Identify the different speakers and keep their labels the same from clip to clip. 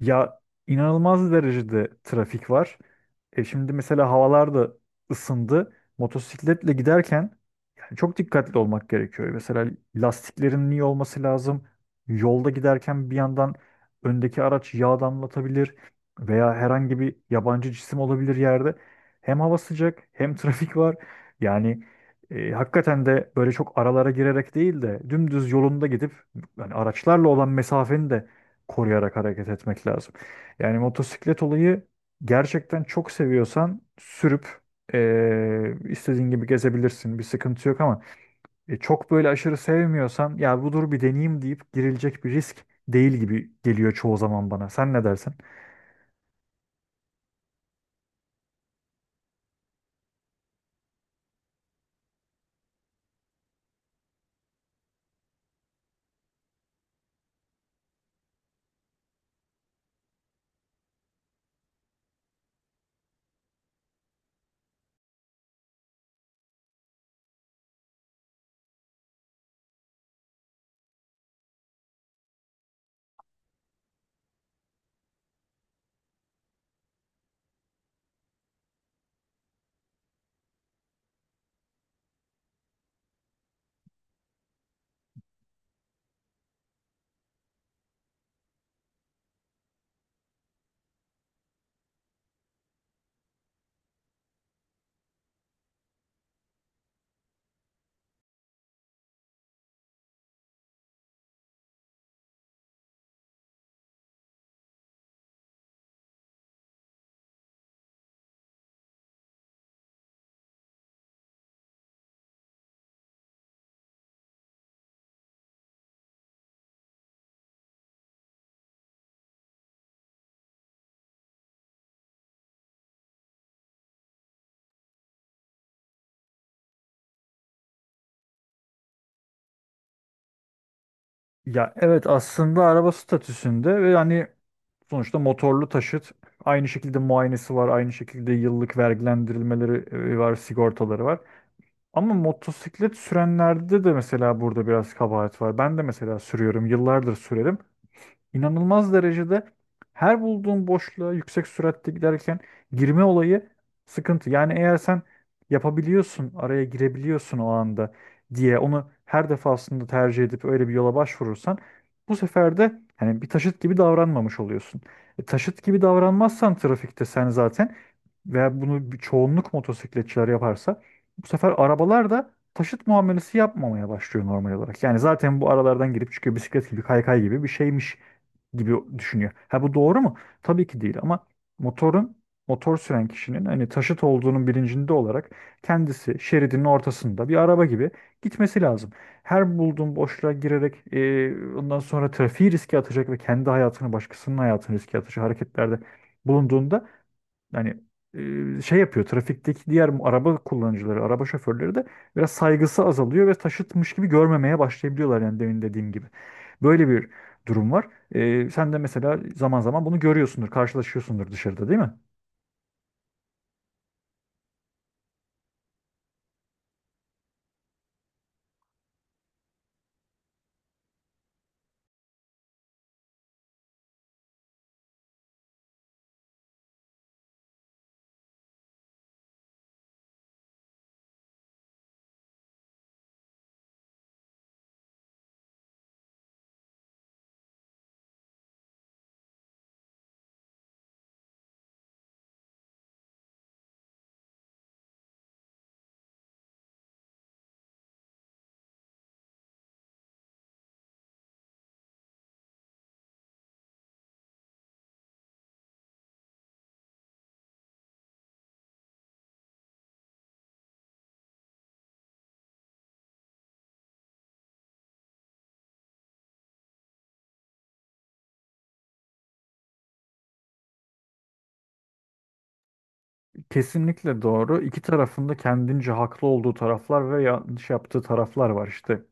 Speaker 1: Ya, inanılmaz derecede trafik var. E şimdi mesela havalar da ısındı. Motosikletle giderken yani çok dikkatli olmak gerekiyor. Mesela lastiklerin iyi olması lazım. Yolda giderken bir yandan öndeki araç yağ damlatabilir veya herhangi bir yabancı cisim olabilir yerde. Hem hava sıcak hem trafik var. Yani hakikaten de böyle çok aralara girerek değil de dümdüz yolunda gidip yani araçlarla olan mesafeni de koruyarak hareket etmek lazım. Yani motosiklet olayı gerçekten çok seviyorsan sürüp istediğin gibi gezebilirsin. Bir sıkıntı yok ama çok böyle aşırı sevmiyorsan ya bu dur bir deneyeyim deyip girilecek bir risk değil gibi geliyor çoğu zaman bana. Sen ne dersin? Ya evet, aslında araba statüsünde ve hani sonuçta motorlu taşıt aynı şekilde muayenesi var, aynı şekilde yıllık vergilendirilmeleri var, sigortaları var. Ama motosiklet sürenlerde de mesela burada biraz kabahat var. Ben de mesela sürüyorum, yıllardır sürerim. İnanılmaz derecede her bulduğun boşluğa yüksek süratte giderken girme olayı sıkıntı. Yani eğer sen yapabiliyorsun, araya girebiliyorsun o anda diye onu her defasında tercih edip öyle bir yola başvurursan bu sefer de hani bir taşıt gibi davranmamış oluyorsun. E, taşıt gibi davranmazsan trafikte sen zaten veya bunu bir çoğunluk motosikletçiler yaparsa bu sefer arabalar da taşıt muamelesi yapmamaya başlıyor normal olarak. Yani zaten bu aralardan girip çıkıyor, bisiklet gibi kaykay gibi bir şeymiş gibi düşünüyor. Ha, bu doğru mu? Tabii ki değil, ama motorun, motor süren kişinin hani taşıt olduğunun bilincinde olarak kendisi şeridinin ortasında bir araba gibi gitmesi lazım. Her bulduğun boşluğa girerek ondan sonra trafiği riske atacak ve kendi hayatını, başkasının hayatını riske atacak hareketlerde bulunduğunda yani şey yapıyor, trafikteki diğer araba kullanıcıları, araba şoförleri de biraz saygısı azalıyor ve taşıtmış gibi görmemeye başlayabiliyorlar, yani demin dediğim gibi. Böyle bir durum var. E, sen de mesela zaman zaman bunu görüyorsundur, karşılaşıyorsundur dışarıda, değil mi? Kesinlikle doğru. İki tarafında kendince haklı olduğu taraflar ve yanlış yaptığı taraflar var işte.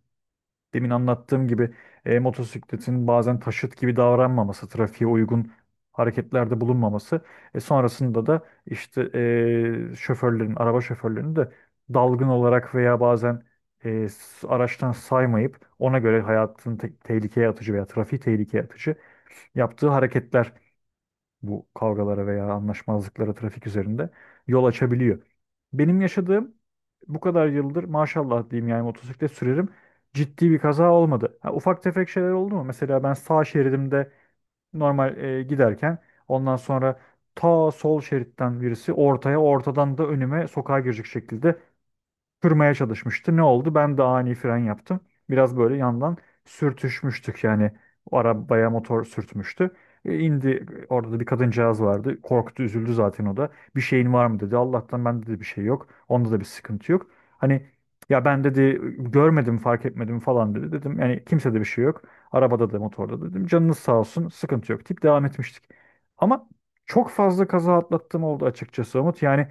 Speaker 1: Demin anlattığım gibi motosikletin bazen taşıt gibi davranmaması, trafiğe uygun hareketlerde bulunmaması, sonrasında da işte şoförlerin, araba şoförlerinin de dalgın olarak veya bazen araçtan saymayıp ona göre hayatını tehlikeye atıcı veya trafiği tehlikeye atıcı yaptığı hareketler bu kavgalara veya anlaşmazlıklara trafik üzerinde yol açabiliyor. Benim yaşadığım, bu kadar yıldır maşallah diyeyim yani motosiklet sürerim, ciddi bir kaza olmadı. Ha, ufak tefek şeyler oldu mu? Mesela ben sağ şeridimde normal giderken ondan sonra ta sol şeritten birisi ortaya, ortadan da önüme sokağa girecek şekilde kırmaya çalışmıştı. Ne oldu? Ben de ani fren yaptım. Biraz böyle yandan sürtüşmüştük yani, o arabaya motor sürtmüştü. E, indi, orada da bir kadıncağız vardı. Korktu, üzüldü zaten o da. Bir şeyin var mı dedi. Allah'tan bende de bir şey yok. Onda da bir sıkıntı yok. Hani ya ben dedi görmedim, fark etmedim falan dedi. Dedim yani kimsede bir şey yok. Arabada da motorda da dedim. Canınız sağ olsun, sıkıntı yok deyip devam etmiştik. Ama çok fazla kaza atlattığım oldu açıkçası Umut. Yani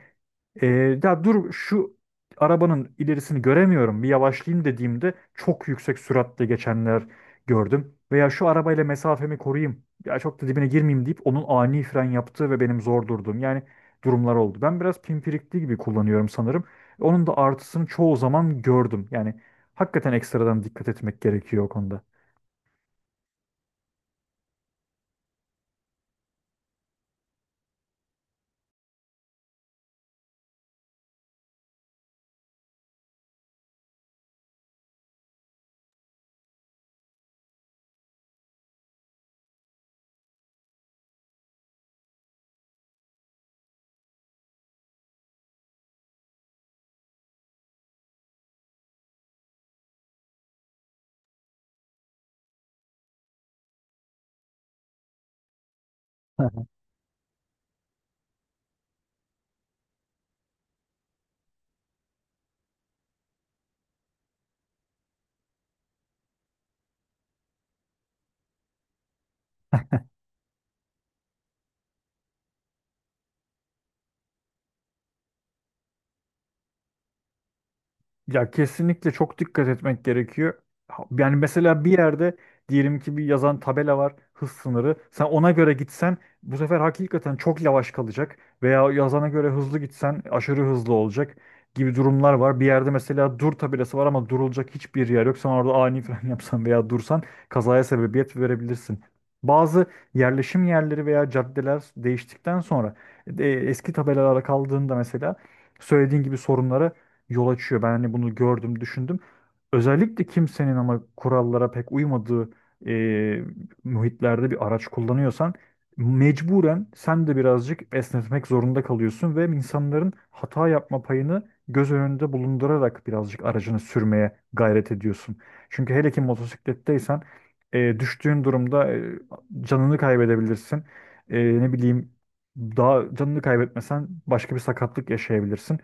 Speaker 1: ee, ya dur şu arabanın ilerisini göremiyorum, bir yavaşlayayım dediğimde çok yüksek süratle geçenler gördüm. Veya şu arabayla mesafemi koruyayım, ya çok da dibine girmeyeyim deyip onun ani fren yaptığı ve benim zor durduğum yani durumlar oldu. Ben biraz pimpirikli gibi kullanıyorum sanırım. Onun da artısını çoğu zaman gördüm. Yani hakikaten ekstradan dikkat etmek gerekiyor o konuda. Ya kesinlikle çok dikkat etmek gerekiyor. Yani mesela bir yerde diyelim ki bir yazan tabela var, hız sınırı. Sen ona göre gitsen bu sefer hakikaten çok yavaş kalacak. Veya yazana göre hızlı gitsen aşırı hızlı olacak gibi durumlar var. Bir yerde mesela dur tabelası var ama durulacak hiçbir yer yok. Sen orada ani fren yapsan veya dursan kazaya sebebiyet verebilirsin. Bazı yerleşim yerleri veya caddeler değiştikten sonra eski tabelalara kaldığında mesela söylediğin gibi sorunlara yol açıyor. Ben hani bunu gördüm, düşündüm. Özellikle kimsenin ama kurallara pek uymadığı e, muhitlerde bir araç kullanıyorsan mecburen sen de birazcık esnetmek zorunda kalıyorsun ve insanların hata yapma payını göz önünde bulundurarak birazcık aracını sürmeye gayret ediyorsun. Çünkü hele ki motosikletteysen düştüğün durumda canını kaybedebilirsin. E, ne bileyim, daha canını kaybetmesen başka bir sakatlık yaşayabilirsin.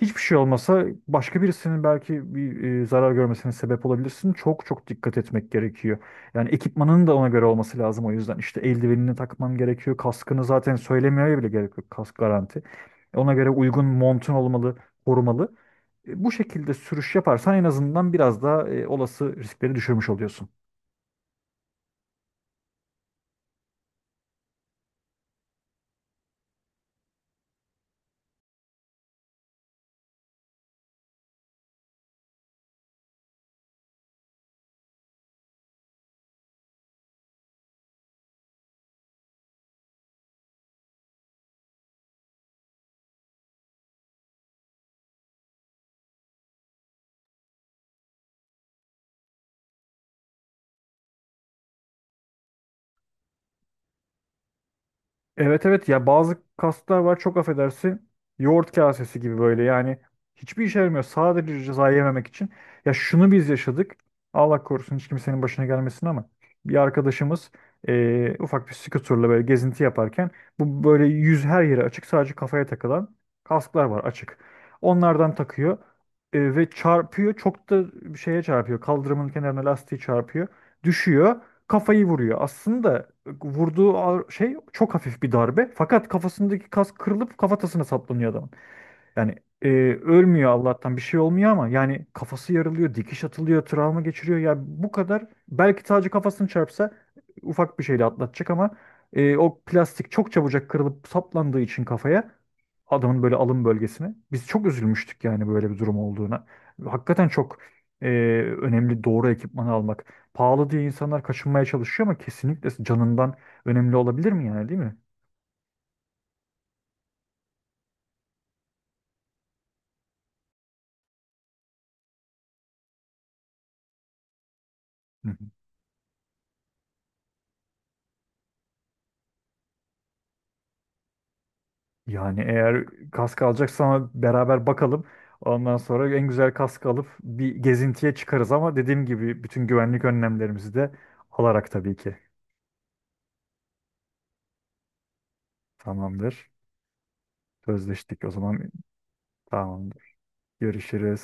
Speaker 1: Hiçbir şey olmasa başka birisinin belki bir zarar görmesine sebep olabilirsin. Çok çok dikkat etmek gerekiyor. Yani ekipmanın da ona göre olması lazım o yüzden. İşte eldivenini takman gerekiyor. Kaskını zaten söylemeye bile gerek yok. Kask garanti. Ona göre uygun montun olmalı, korumalı. E, bu şekilde sürüş yaparsan en azından biraz daha olası riskleri düşürmüş oluyorsun. Evet, evet, ya bazı kaslar var, çok affedersin, yoğurt kasesi gibi böyle yani, hiçbir işe yaramıyor, sadece ceza yememek için. Ya şunu biz yaşadık, Allah korusun hiç kimsenin başına gelmesin ama bir arkadaşımız ufak bir skuterla böyle gezinti yaparken, bu böyle yüz her yere açık, sadece kafaya takılan kasklar var, açık. Onlardan takıyor ve çarpıyor, çok da şeye çarpıyor, kaldırımın kenarına lastiği çarpıyor, düşüyor, kafayı vuruyor. Aslında vurduğu şey çok hafif bir darbe. Fakat kafasındaki kas kırılıp kafatasına saplanıyor adamın. Yani e, ölmüyor Allah'tan, bir şey olmuyor ama yani kafası yarılıyor, dikiş atılıyor, travma geçiriyor. Yani bu kadar, belki sadece kafasını çarpsa ufak bir şeyle atlatacak ama o plastik çok çabucak kırılıp saplandığı için kafaya, adamın böyle alın bölgesine. Biz çok üzülmüştük yani böyle bir durum olduğuna. Hakikaten çok e, önemli doğru ekipmanı almak. Pahalı diye insanlar kaçınmaya çalışıyor ama kesinlikle canından önemli olabilir mi yani, değil mi? Hı. Yani eğer kask alacaksa ama beraber bakalım. Ondan sonra en güzel kask alıp bir gezintiye çıkarız ama dediğim gibi bütün güvenlik önlemlerimizi de alarak tabii ki. Tamamdır. Sözleştik o zaman. Tamamdır. Görüşürüz.